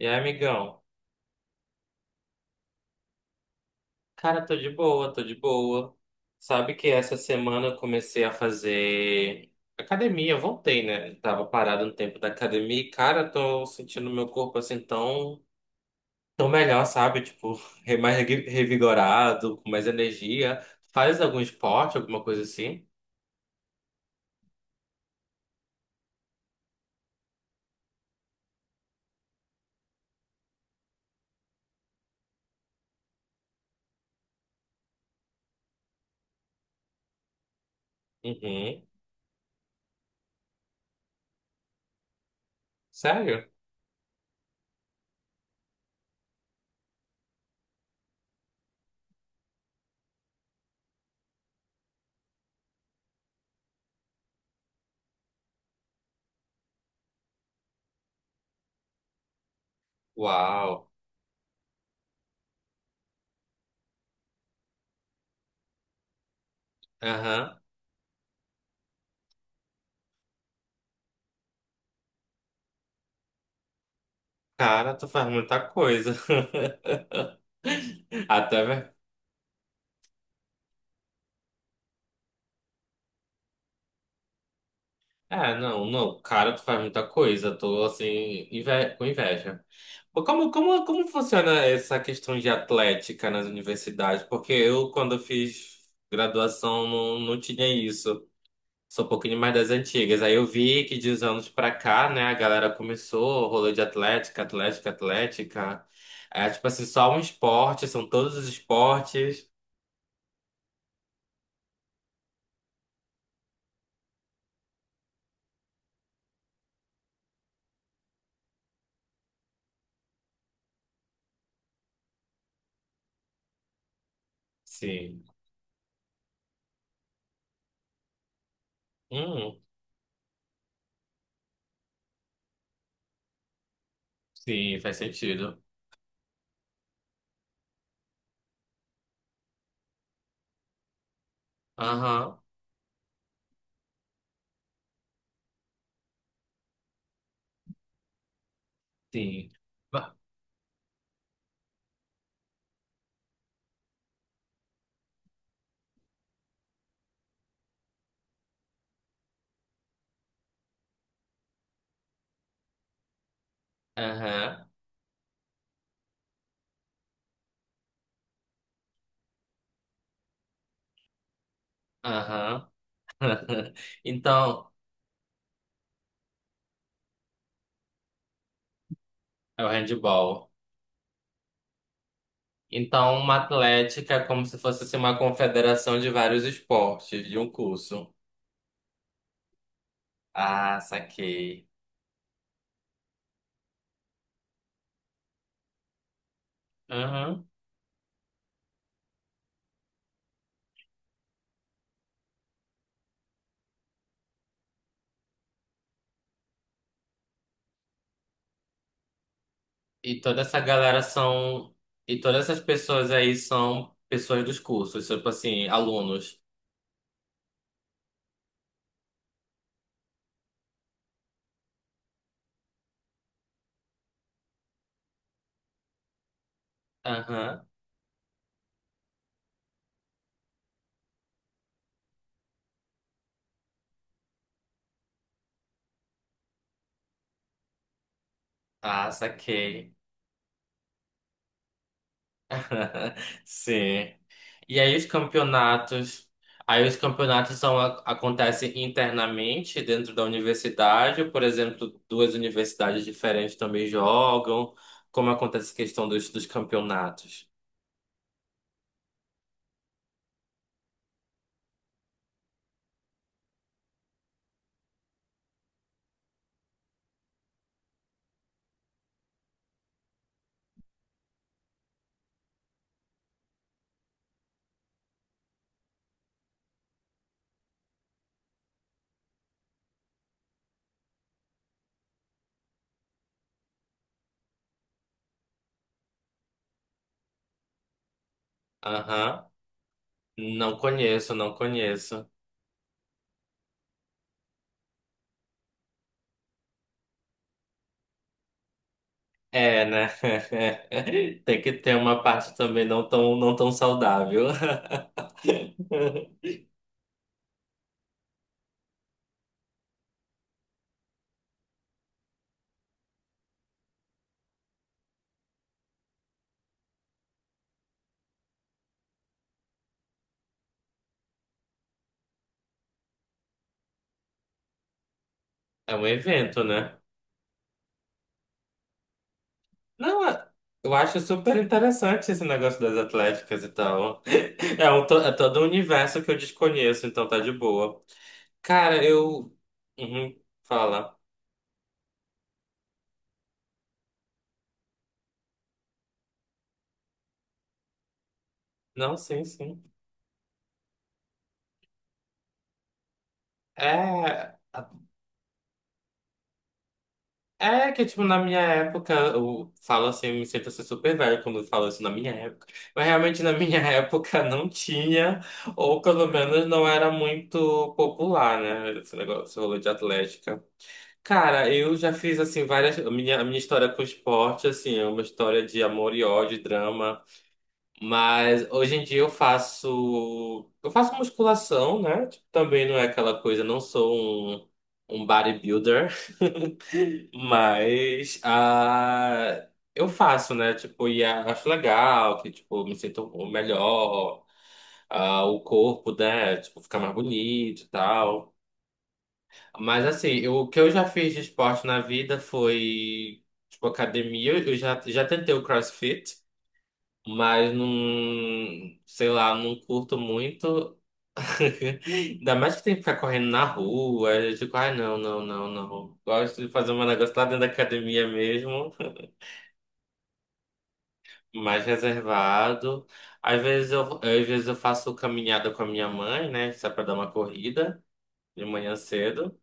E aí, amigão? Cara, tô de boa, tô de boa. Sabe que essa semana eu comecei a fazer academia, eu voltei, né? Tava parado um tempo da academia e, cara, tô sentindo meu corpo assim tão, tão melhor, sabe? Tipo, mais revigorado, com mais energia. Faz algum esporte, alguma coisa assim? Uhum. Sério? Uau. Aham. Cara, tu faz muita coisa. Até. Ah, não, não, cara, tu faz muita coisa, tô assim, com inveja. Pô, como funciona essa questão de atlética nas universidades? Porque eu, quando eu fiz graduação, não, não tinha isso. Sou um pouquinho mais das antigas. Aí eu vi que de uns anos pra cá, né, a galera começou o rolê de atlética, atlética, atlética. É tipo assim, só um esporte, são todos os esportes. Sim. Hum, sim, faz sentido. Aham, sim. Ba-. Aham. Aham. Então, é o handball. Então, uma atlética é como se fosse assim, uma confederação de vários esportes, de um curso. Ah, saquei. Aham. E toda essa galera são. E todas essas pessoas aí são pessoas dos cursos, tipo assim, alunos. Aham. Ah, saquei. Sim. E aí os campeonatos são, acontecem internamente dentro da universidade, por exemplo, duas universidades diferentes também jogam. Como acontece a questão dos, dos campeonatos? Aham. Não conheço, não conheço. É, né? Tem que ter uma parte também não tão, não tão saudável. É um evento, né? Não, é- eu acho super interessante esse negócio das atléticas e tal. É, um, é todo um universo que eu desconheço, então tá de boa. Cara, eu. Uhum, fala. Não, sim, sim. É. É que, tipo, na minha época, eu falo assim, eu me sinto assim super velho quando eu falo isso na minha época. Mas realmente na minha época não tinha, ou pelo menos não era muito popular, né? Esse negócio, esse rolê de atlética. Cara, eu já fiz assim várias. A minha história com esporte, assim, é uma história de amor e ódio, drama. Mas hoje em dia eu faço. Eu faço musculação, né? Tipo, também não é aquela coisa, não sou um, um bodybuilder. Mas ah, eu faço, né? Tipo, e acho legal, que tipo, me sinto melhor, ah, o corpo, né? Tipo, fica mais bonito e tal. Mas assim, eu- o que eu já fiz de esporte na vida foi, tipo, academia. Eu já tentei o CrossFit, mas não, sei lá, não curto muito. Ainda mais que tem que ficar correndo na rua. Eu digo, ai, não, não, não, não. Gosto de fazer um negócio lá dentro da academia mesmo, mais reservado. Às vezes eu faço caminhada com a minha mãe, né? Só pra dar uma corrida de manhã cedo.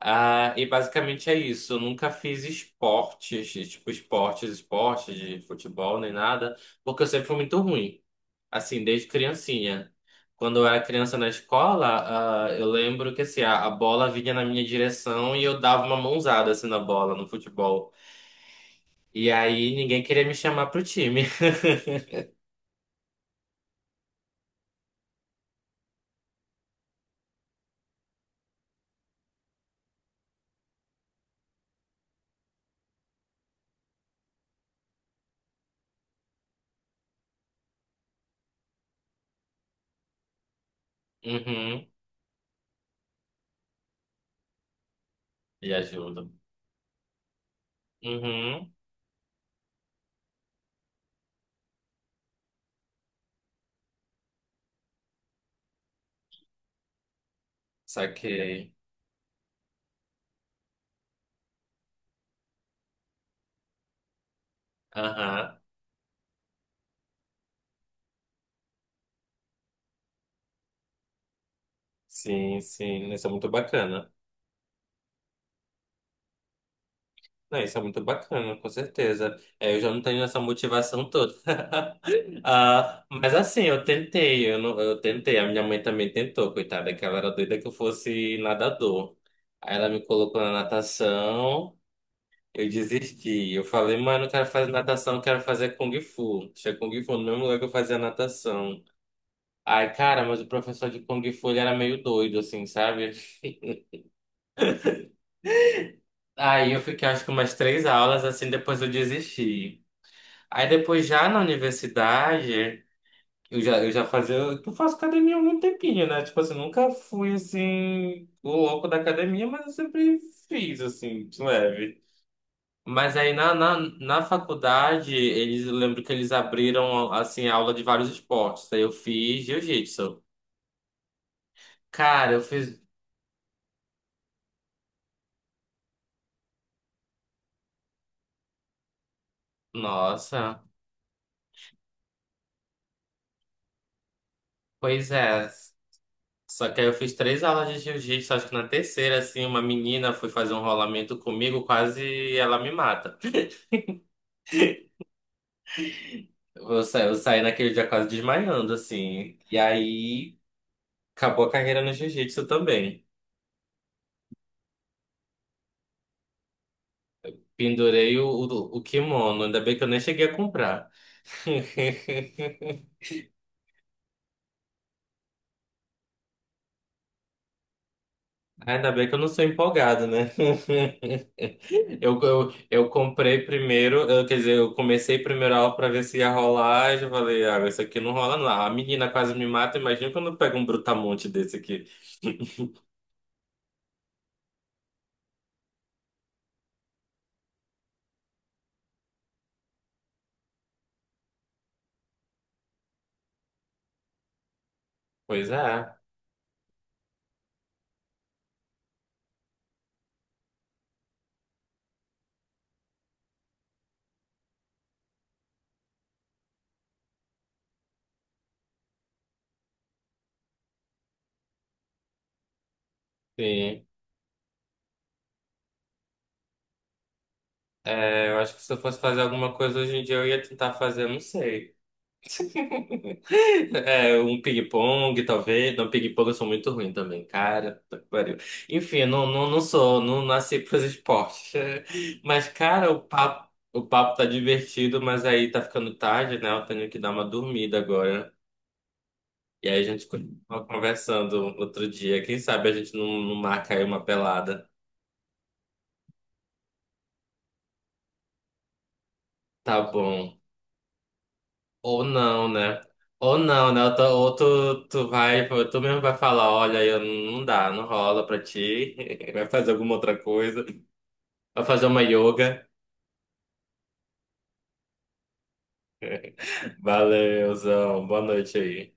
Ah, e basicamente é isso. Eu nunca fiz esportes, tipo esportes, esportes de futebol nem nada, porque eu sempre fui muito ruim, assim, desde criancinha. Quando eu era criança na escola, ah, eu lembro que assim, a bola vinha na minha direção e eu dava uma mãozada assim na bola, no futebol. E aí ninguém queria me chamar pro time. Uhum, e ajuda. Uhum, saquei. Aham. Sim, sim, isso é muito bacana. Não, isso é muito bacana, com certeza. É, eu já não tenho essa motivação toda. Ah, mas assim, eu tentei, eu, não- eu tentei, a minha mãe também tentou, coitada, que ela era doida que eu fosse nadador. Aí ela me colocou na natação, eu desisti. Eu falei, mãe, eu não quero fazer natação, eu quero fazer Kung Fu. Tinha Kung Fu no mesmo lugar que eu fazia natação. Ai, cara, mas o professor de Kung Fu, ele era meio doido, assim, sabe? Aí eu fiquei, acho que umas três aulas, assim, depois eu desisti. Aí depois já na universidade, eu já fazia. Eu faço academia há algum tempinho, né? Tipo assim, nunca fui assim, o louco da academia, mas eu sempre fiz, assim, de leve. Mas aí na faculdade, eles, eu lembro que eles abriram, assim, aula de vários esportes. Aí eu fiz jiu-jitsu. Cara, eu fiz. Nossa, pois é. Só que aí eu fiz três aulas de jiu-jitsu, acho que na terceira, assim, uma menina foi fazer um rolamento comigo, quase ela me mata. Eu saí naquele dia quase desmaiando, assim. E aí acabou a carreira no jiu-jitsu também. Pendurei o kimono, ainda bem que eu nem cheguei a comprar. Ainda bem que eu não sou empolgado, né? Eu comprei primeiro, quer dizer, eu comecei primeiro a aula pra ver se ia rolar. E eu falei, ah, isso aqui não rola, não. A menina quase me mata, imagina quando eu pego um brutamonte desse aqui. Pois é, sim. É, eu acho que se eu fosse fazer alguma coisa hoje em dia, eu ia tentar fazer, não sei. É, um ping-pong, talvez. Não, ping-pong eu sou muito ruim também, cara. Puta que pariu. Enfim, não, não, não sou, não nasci pros esportes. Mas, cara, o papo tá divertido, mas aí tá ficando tarde, né? Eu tenho que dar uma dormida agora. E aí a gente continua conversando outro dia. Quem sabe a gente não, não marca aí uma pelada. Tá bom. Ou não, né? Ou não, né? Ou tu, ou tu vai, tu mesmo vai falar, olha, eu não dá, não rola pra ti. Vai fazer alguma outra coisa. Vai fazer uma yoga. Valeuzão, boa noite aí.